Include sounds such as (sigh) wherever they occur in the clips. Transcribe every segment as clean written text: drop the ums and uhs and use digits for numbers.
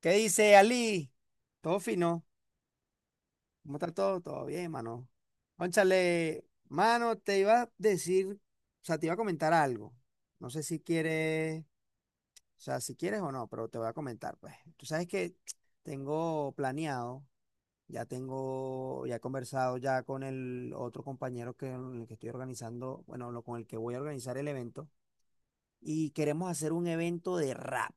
¿Qué dice Ali? Todo fino. ¿Cómo está todo? Todo bien, mano. Cónchale, mano, te iba a decir, o sea, te iba a comentar algo. No sé si quieres, o sea, si quieres o no, pero te voy a comentar, pues. Tú sabes que tengo planeado, ya he conversado ya con el otro compañero con el que estoy organizando, bueno, con el que voy a organizar el evento, y queremos hacer un evento de rap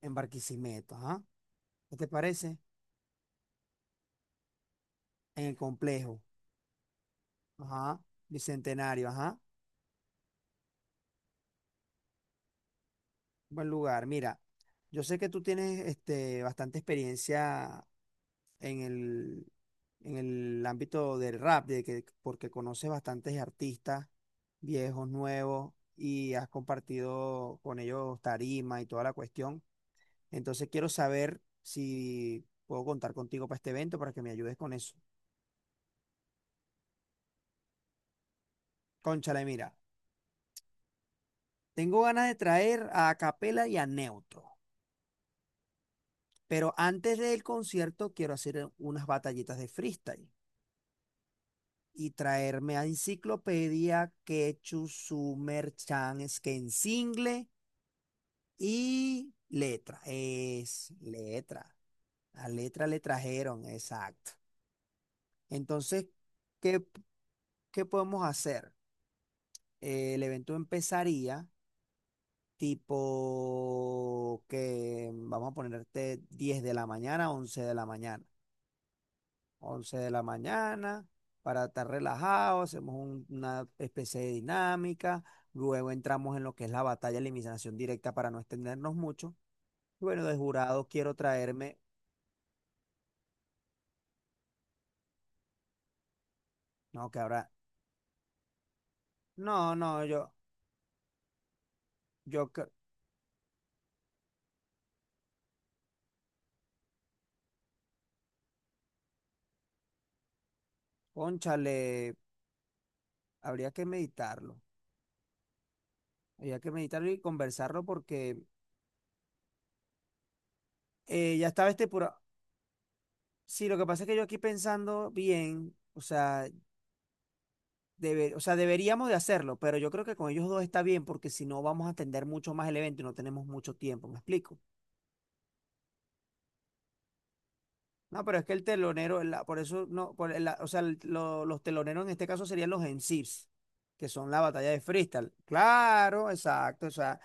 en Barquisimeto, ¿ah? ¿Qué te parece? En el complejo. Ajá, Bicentenario, ajá, buen lugar. Mira, yo sé que tú tienes bastante experiencia en el, en el ámbito del rap, porque conoces bastantes artistas, viejos, nuevos, y has compartido con ellos tarima y toda la cuestión. Entonces quiero saber si puedo contar contigo para este evento para que me ayudes con eso. Cónchale, mira, tengo ganas de traer a Capela y a Neutro. Pero antes del concierto quiero hacer unas batallitas de freestyle y traerme a Enciclopedia, Quechu, Sumer, Chan, single y letra. Es letra. La letra le trajeron, exacto. Entonces, ¿qué, qué podemos hacer? El evento empezaría tipo que vamos a ponerte 10 de la mañana, 11 de la mañana. 11 de la mañana, para estar relajados, hacemos una especie de dinámica, luego entramos en lo que es la batalla de eliminación directa para no extendernos mucho. Y bueno, de jurado quiero traerme, no, que habrá, no, no, yo, cre- cónchale, habría que meditarlo, habría que meditarlo y conversarlo porque ya estaba este puro, sí, lo que pasa es que yo aquí pensando bien, o sea, o sea, deberíamos de hacerlo, pero yo creo que con ellos dos está bien porque si no vamos a atender mucho más el evento y no tenemos mucho tiempo, ¿me explico? No, pero es que el telonero, por eso no, o sea, los teloneros en este caso serían los MCs, que son la batalla de freestyle. Claro, exacto, o sea,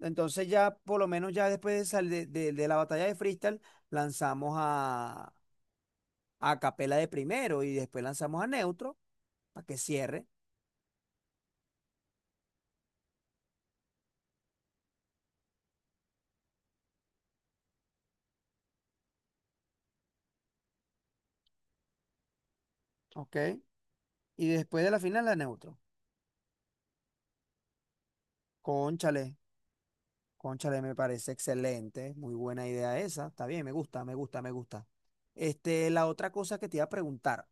entonces ya por lo menos ya después de la batalla de freestyle lanzamos a Capela de primero y después lanzamos a Neutro para que cierre, ¿ok? Y después de la final a Neutro. Cónchale. Cónchale, me parece excelente, muy buena idea esa. Está bien, me gusta, me gusta, me gusta. La otra cosa que te iba a preguntar,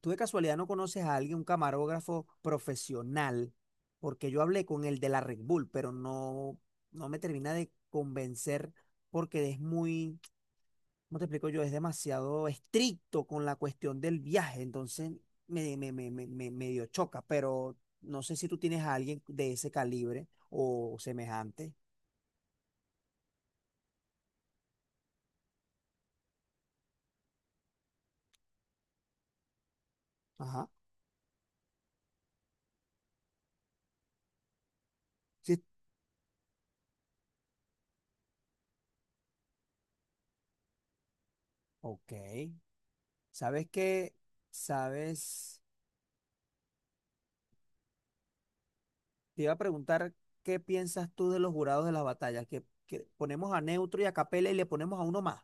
¿tú de casualidad no conoces a alguien, un camarógrafo profesional? Porque yo hablé con el de la Red Bull, pero no, no me termina de convencer porque es muy, ¿cómo te explico yo? Es demasiado estricto con la cuestión del viaje, entonces me medio choca, pero no sé si tú tienes a alguien de ese calibre o semejante. Ajá. Si Ok. ¿Sabes qué? ¿Sabes? Te iba a preguntar qué piensas tú de los jurados de las batallas, que ponemos a Neutro y a Capela y le ponemos a uno más.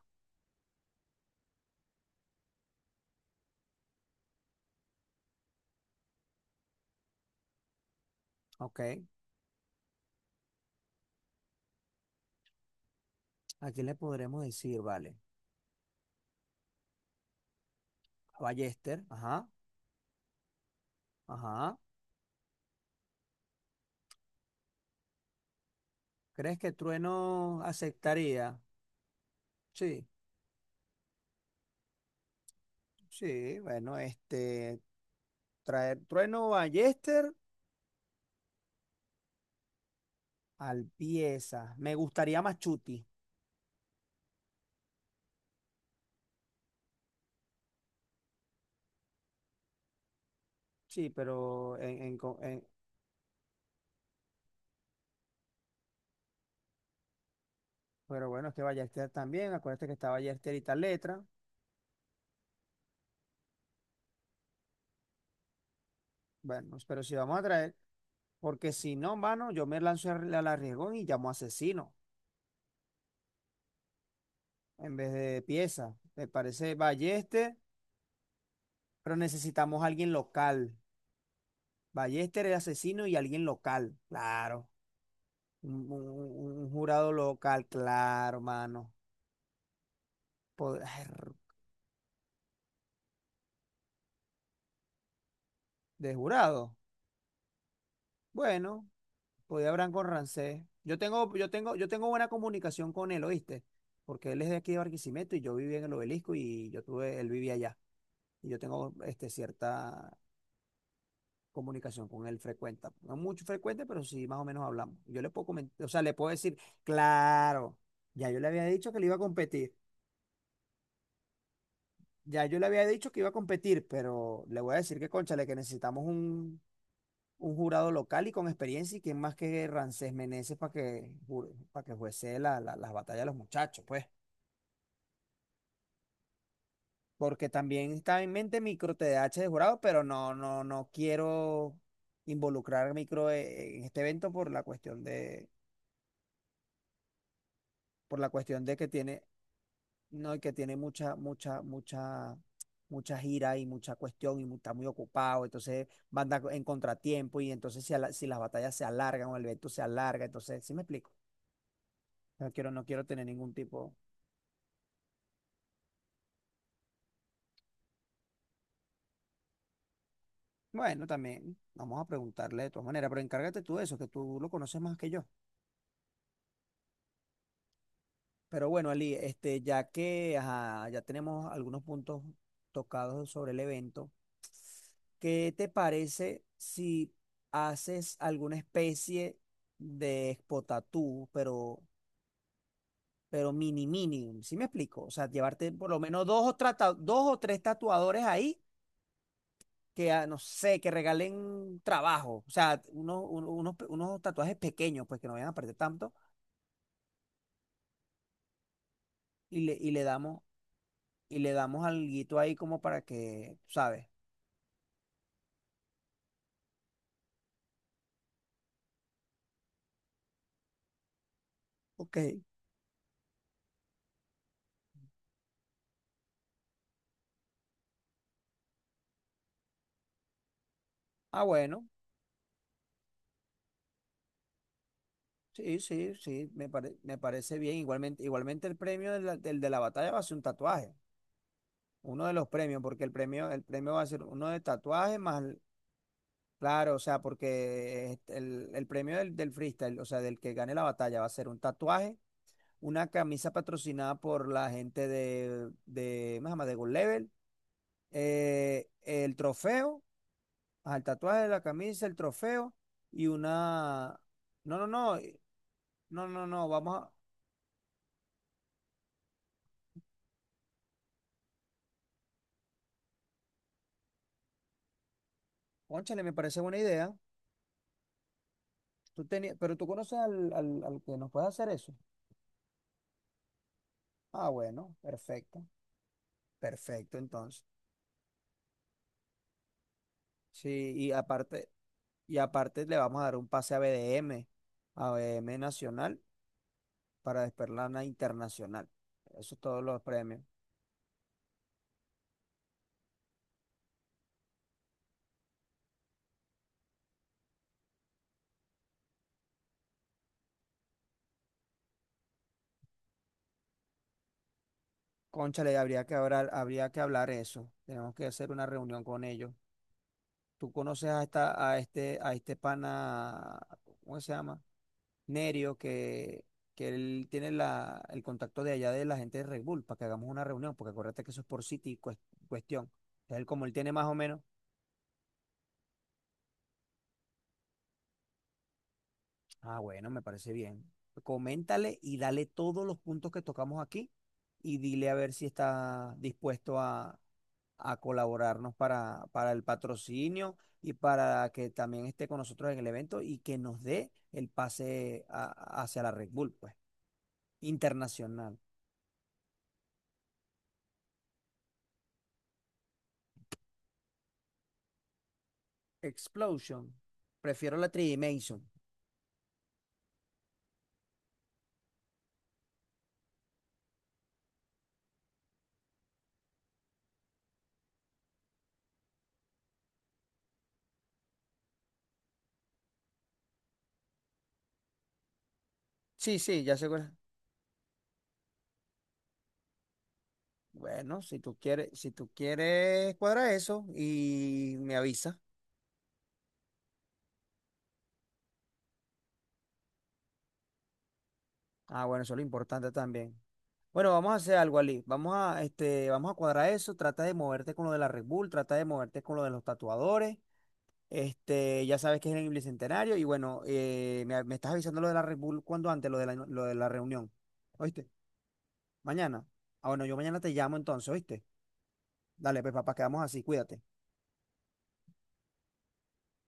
Ok. ¿A quién le podremos decir, vale? A Ballester. Ajá. Ajá. ¿Crees que Trueno aceptaría? Sí. Sí, bueno, traer Trueno Ballester al pieza. Me gustaría más Chuti. Sí, pero pero bueno, es que Ballester también, acuérdate que está Ballester y tal letra. Bueno, pero si vamos a traer, porque si no, mano, yo me lanzo al arriesgón y llamo asesino en vez de pieza. Me parece Ballester, pero necesitamos a alguien local. Ballester es asesino y alguien local, claro. Un, un- un jurado local, claro, mano. Pod- (sighs) De jurado. Bueno, podía hablar con Rancé. Yo tengo buena comunicación con él, ¿oíste? Porque él es de aquí de Barquisimeto y yo vivía en el Obelisco y él vivía allá. Y yo tengo cierta comunicación con él frecuente. No mucho frecuente, pero sí más o menos hablamos. Yo le puedo comentar, o sea, le puedo decir, claro, ya yo le había dicho que le iba a competir. Ya yo le había dicho que iba a competir, pero le voy a decir que, cónchale, que necesitamos un jurado local y con experiencia, y quién más que Rancés Meneses para que, juece las batallas de los muchachos, pues. Porque también está en mente micro TDAH de jurado, pero no quiero involucrar micro en este evento por la cuestión de, que tiene, no, y que tiene mucha, mucha, mucha, mucha gira y mucha cuestión y está muy ocupado, entonces va a andar en contratiempo y entonces si las batallas se alargan o el evento se alarga, entonces, ¿sí me explico? No quiero tener ningún tipo. Bueno, también vamos a preguntarle de todas maneras, pero encárgate tú de eso, que tú lo conoces más que yo. Pero bueno, Ali, ya que ajá, ya tenemos algunos puntos tocados sobre el evento, ¿qué te parece si haces alguna especie de expo tatú, pero mini mini? ¿Sí me explico? O sea, llevarte por lo menos dos o tres tatuadores ahí que, ah, no sé, que regalen trabajo. O sea, unos, uno- unos, pe- unos tatuajes pequeños, pues que no vayan a aparecer tanto, y le, y le damos, y le damos alguito ahí como para que, ¿sabes? Ok. Ah, bueno, sí, sí, sí, me parece bien. Igualmente, igualmente el premio de la- del de la batalla va a ser un tatuaje, uno de los premios, porque el premio va a ser uno de tatuaje más, claro, o sea, porque el premio del freestyle, o sea, del que gane la batalla va a ser un tatuaje, una camisa patrocinada por la gente ¿cómo se llama? De Gold Level, el trofeo, ajá, el tatuaje de la camisa, el trofeo y una, no, no, no, no, no, no, vamos a. Cónchale, me parece buena idea. Pero tú conoces al que nos puede hacer eso. Ah, bueno, perfecto. Perfecto, entonces. Sí, y aparte, le vamos a dar un pase a BDM, a BDM Nacional, para Desperlana Internacional. Eso todos los premios. Cónchale, habría que hablar eso. Tenemos que hacer una reunión con ellos. Tú conoces a este pana, ¿cómo se llama? Nerio, que él tiene el contacto de allá de la gente de Red Bull para que hagamos una reunión, porque acuérdate que eso es por City cuestión. Entonces, él, como él tiene más o menos, ah, bueno, me parece bien. Coméntale y dale todos los puntos que tocamos aquí y dile a ver si está dispuesto a colaborarnos para el patrocinio y para que también esté con nosotros en el evento y que nos dé el pase hacia la Red Bull, pues, internacional. Explosion. Prefiero la tridimension. Sí, sí, ya sé cuál es. Bueno, si tú quieres, cuadra eso y me avisa. Ah, bueno, eso es lo importante también. Bueno, vamos a hacer algo, Ali. Vamos a cuadrar eso. Trata de moverte con lo de la Red Bull, trata de moverte con lo de los tatuadores. Ya sabes que es en el Bicentenario. Y bueno, me estás avisando lo de la Red Bull cuando antes, lo de la reunión. ¿Oíste? Mañana. Ah, bueno, yo mañana te llamo entonces, ¿oíste? Dale, pues papá, quedamos así, cuídate.